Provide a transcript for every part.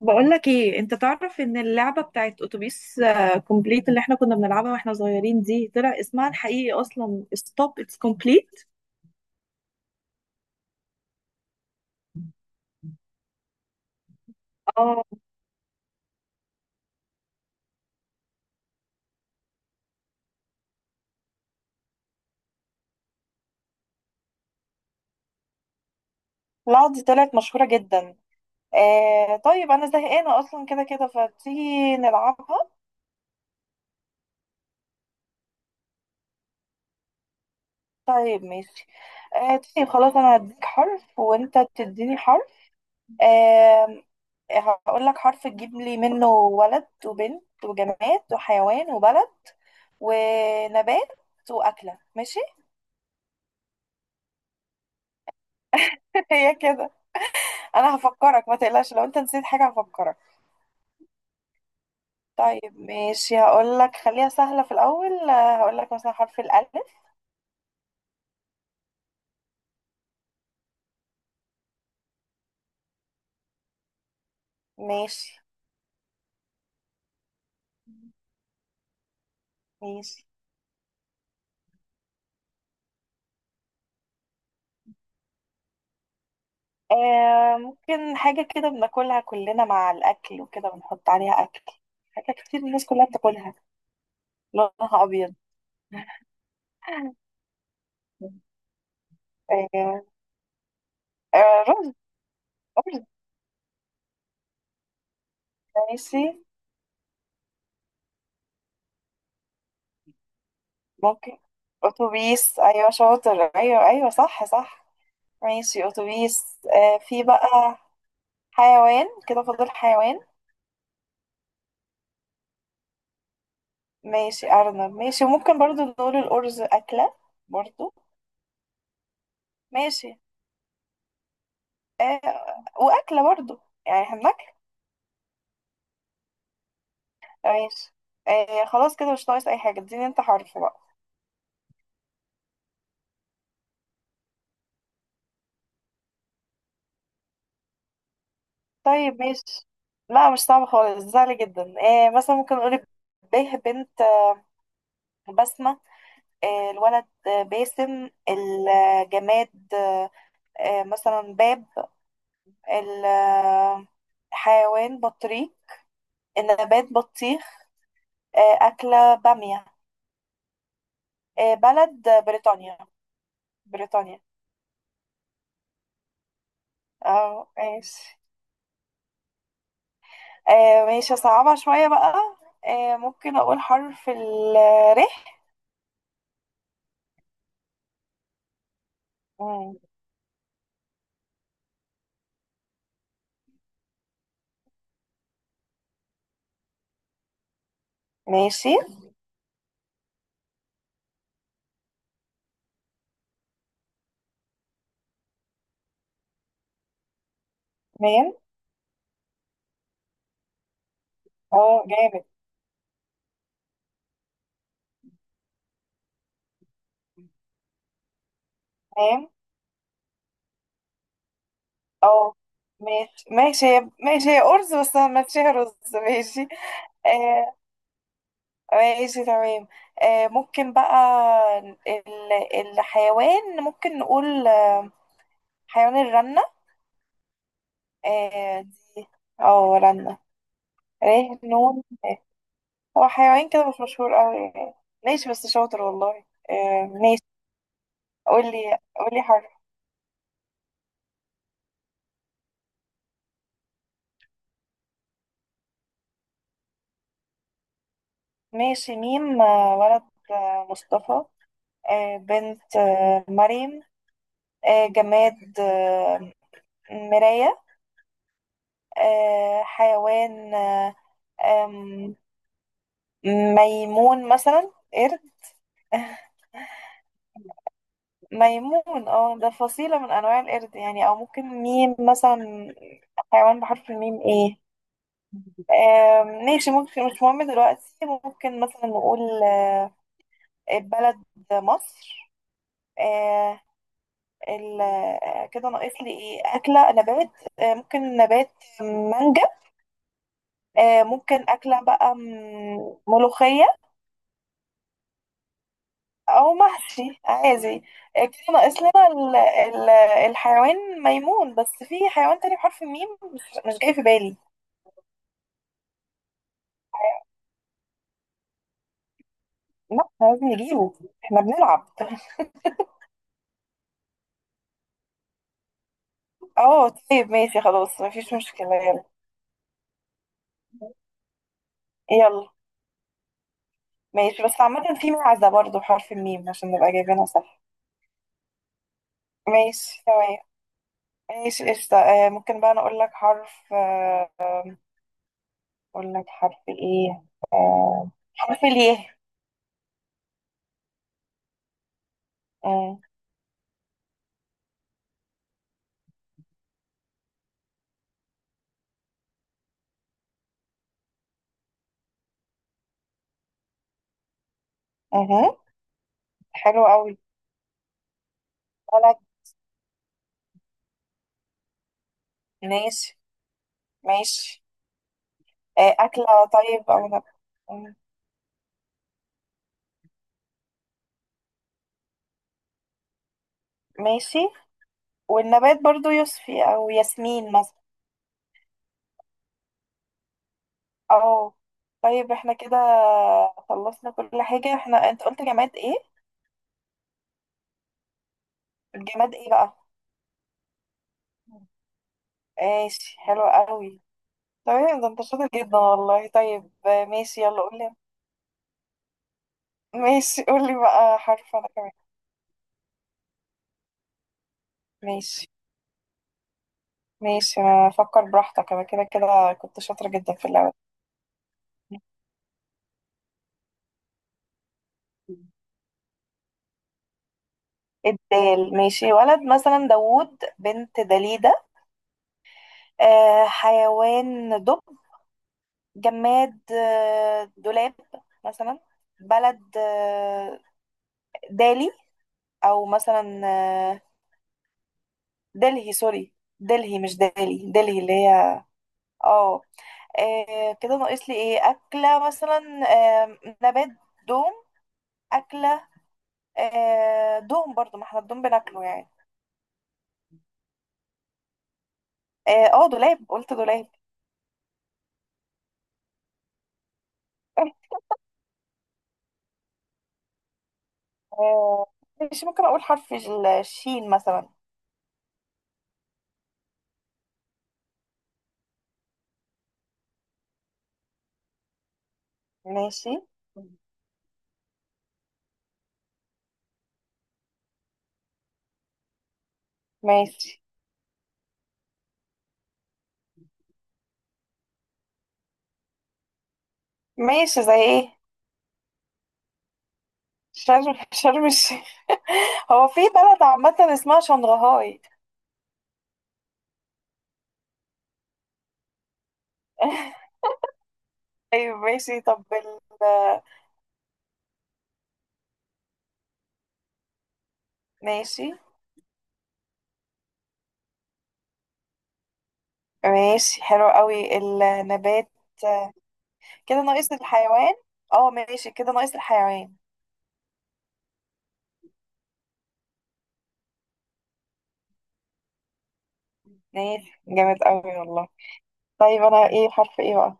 بقول لك ايه؟ انت تعرف ان اللعبه بتاعت اتوبيس كومبليت اللي احنا كنا بنلعبها واحنا صغيرين دي طلع اسمها الحقيقي اصلا ستوب اتس كومبليت. اه. لا، دي طلعت مشهورة جدا. آه طيب، انا زهقانة اصلا كده كده، فتيجي نلعبها. طيب ماشي. آه طيب خلاص، انا هديك حرف وانت تديني حرف. آه. هقول لك حرف تجيب لي منه ولد وبنت وجماد وحيوان وبلد ونبات واكلة، ماشي. هي كده. انا هفكرك، ما تقلقش، لو انت نسيت حاجة هفكرك. طيب ماشي، هقول لك خليها سهلة في الاول، هقول لك مثلا حرف الالف. ماشي ماشي. آه ممكن حاجة كده بناكلها كلنا مع الاكل وكده بنحط عليها اكل، حاجة كتير الناس كلها بتاكلها، لونها ابيض. آه. آه رز. رز. ماشي. ممكن. اتوبيس، ايوه شاطر، ايوه ايوه صح صح. ماشي اتوبيس، آه في بقى. حيوان كده فاضل حيوان. ماشي أرنب، ماشي. وممكن برضو نقول الأرز أكلة برضو. ماشي. آه. وأكلة برضو، يعني احنا بناكل. ماشي. آه خلاص كده مش ناقص أي حاجة، اديني انت حرف بقى. طيب ماشي، لا مش صعب خالص، سهل جدا. آه مثلا ممكن نقول به بنت، بسمة. آه الولد، باسم. الجماد آه، مثلا باب. الحيوان بطريق. النبات بطيخ. آه أكلة بامية. بلد بريطانيا. بريطانيا. اه ماشي. ماشي صعبة شوية بقى. ممكن أقول حرف ال ر. مم، ماشي ميم. اه جامد. ميم. اه ماشي هي أرز، بس أنا ماشي هي رز ماشي. آه، ماشي تمام. ممكن بقى، ال- الحيوان ممكن نقول حيوان الرنة. اه. رنة. ر نون. هو حيوان كده مش مشهور قوي يعني. ماشي بس شاطر والله، آه ماشي. قولي قولي حرف. ماشي ميم، ولد، مصطفى. آه بنت آه مريم. آه جماد آه مراية. آه حيوان آه، آم، ميمون مثلا قرد. ميمون. اه ده فصيلة من أنواع القرد يعني. أو ممكن ميم مثلا، حيوان بحرف الميم ايه؟ ماشي ممكن، مش مهم دلوقتي. ممكن مثلا نقول بلد مصر. آه، كده ناقص لي ايه؟ اكله، نبات. ممكن نبات مانجا. ممكن اكله بقى ملوخيه. او محشي عادي. كده ناقص لنا الحيوان ميمون بس في حيوان تاني بحرف الميم مش جاي في بالي. لا احنا لازم نجيبه، احنا بنلعب. اه طيب ماشي خلاص، مفيش مشكله، يلا. يلا. ماشي، بس عامة في معزة برضه بحرف الميم عشان نبقى جايبينها صح. ماشي تمام. ماشي قشطة، ممكن بقى أنا أقول لك حرف، أقول لك حرف إيه؟ حرف الياء. مم. مهم. حلو أوي. بلد. ماشي ماشي. أكلة. طيب أو نب... مم. ماشي. والنبات برضه يوسفي أو ياسمين مثلا. أو طيب، احنا كده خلصنا كل حاجة. احنا أنت قلت جماد إيه؟ الجماد إيه بقى؟ ماشي حلو قوي. تمام، ده انت شاطر جدا والله. طيب ماشي، يلا قولي. ماشي، قولي بقى حرف انا كمان. ماشي ماشي، ما فكر براحتك، انا كده كده كنت شاطرة جدا في اللعبة دي. الدال ماشي. ولد مثلا داوود. بنت دليدة. آه حيوان دب. جماد آه دولاب مثلا. بلد آه دالي. او مثلا آه دلهي، سوري دلهي مش دالي، دلهي اللي هي. اه. آه كده ناقص لي ايه؟ اكله مثلا. آه نبات دوم. اكله آه دوم برضو، ما احنا الدوم بناكله يعني. اه، دولاب، قلت دولاب. آه ماشي، ممكن اقول حرف الشين مثلا. ماشي ماشي. ماشي زي ايه؟ شرم شرم الشيخ. هو في بلد عامة اسمها شنغهاي. طيب ماشي طب ال. ماشي ماشي حلو قوي. النبات كده ناقص الحيوان. اه ماشي كده ناقص الحيوان. ماشي جامد قوي والله. طيب انا ايه؟ حرف ايه بقى؟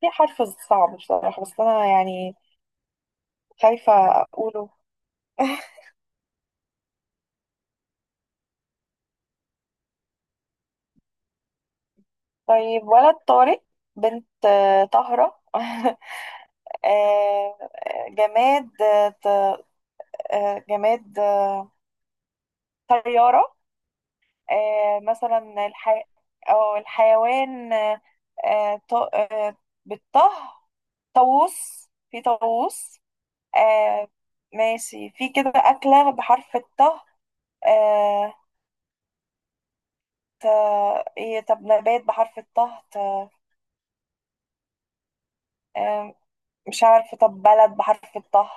في حرف صعب بصراحة، بس انا يعني خايفة اقوله. طيب ولد طارق. بنت طاهرة. آه، جماد آه، ط- جماد طيارة. مثلا الحي... أو الحيوان آه، ط- آه، بالطه. طاووس، في طاووس. آه ماشي، في كده أكلة بحرف الطه؟ آه ت... إيه؟ طب نبات بحرف الطه؟ ت... آه مش عارفة. طب بلد بحرف الطه؟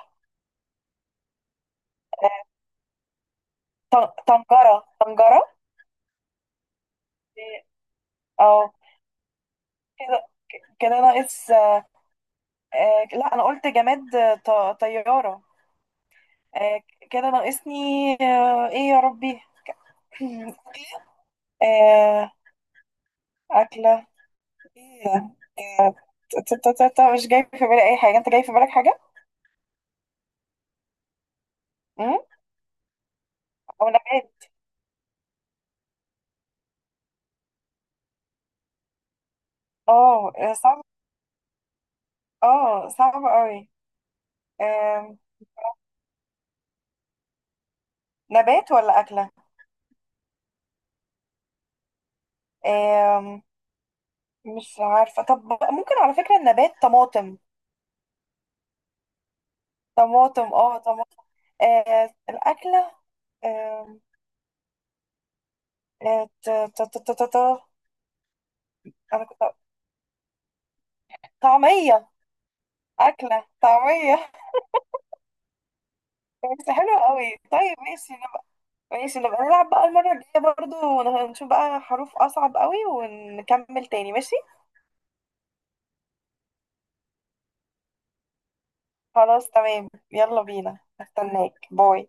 آه طنجرة طنجرة. اه كده، ناقص لا، أنا قلت جماد طيارة. آه كده ناقصني، آه إيه يا ربي! آه أكلة إيه ده؟ مش جاي في بالي أي حاجة. أنت جاي في بالك حاجة؟ أمم؟ أو نبات. اه صعب، اه صعب قوي. آم، نبات ولا أكلة؟ آم، مش عارفة. طب ممكن على فكرة النبات طماطم. طماطم، اه طماطم. الأكلة آم، آه، ت- ت- ت- ت- ت- ت- أنا كنت طعمية. أكلة طعمية. بس حلوة قوي. طيب ماشي نبقى، ماشي نبقى نلعب بقى المرة الجاية برضو، نشوف بقى حروف أصعب قوي ونكمل تاني، ماشي. خلاص تمام، يلا بينا، استناك، باي.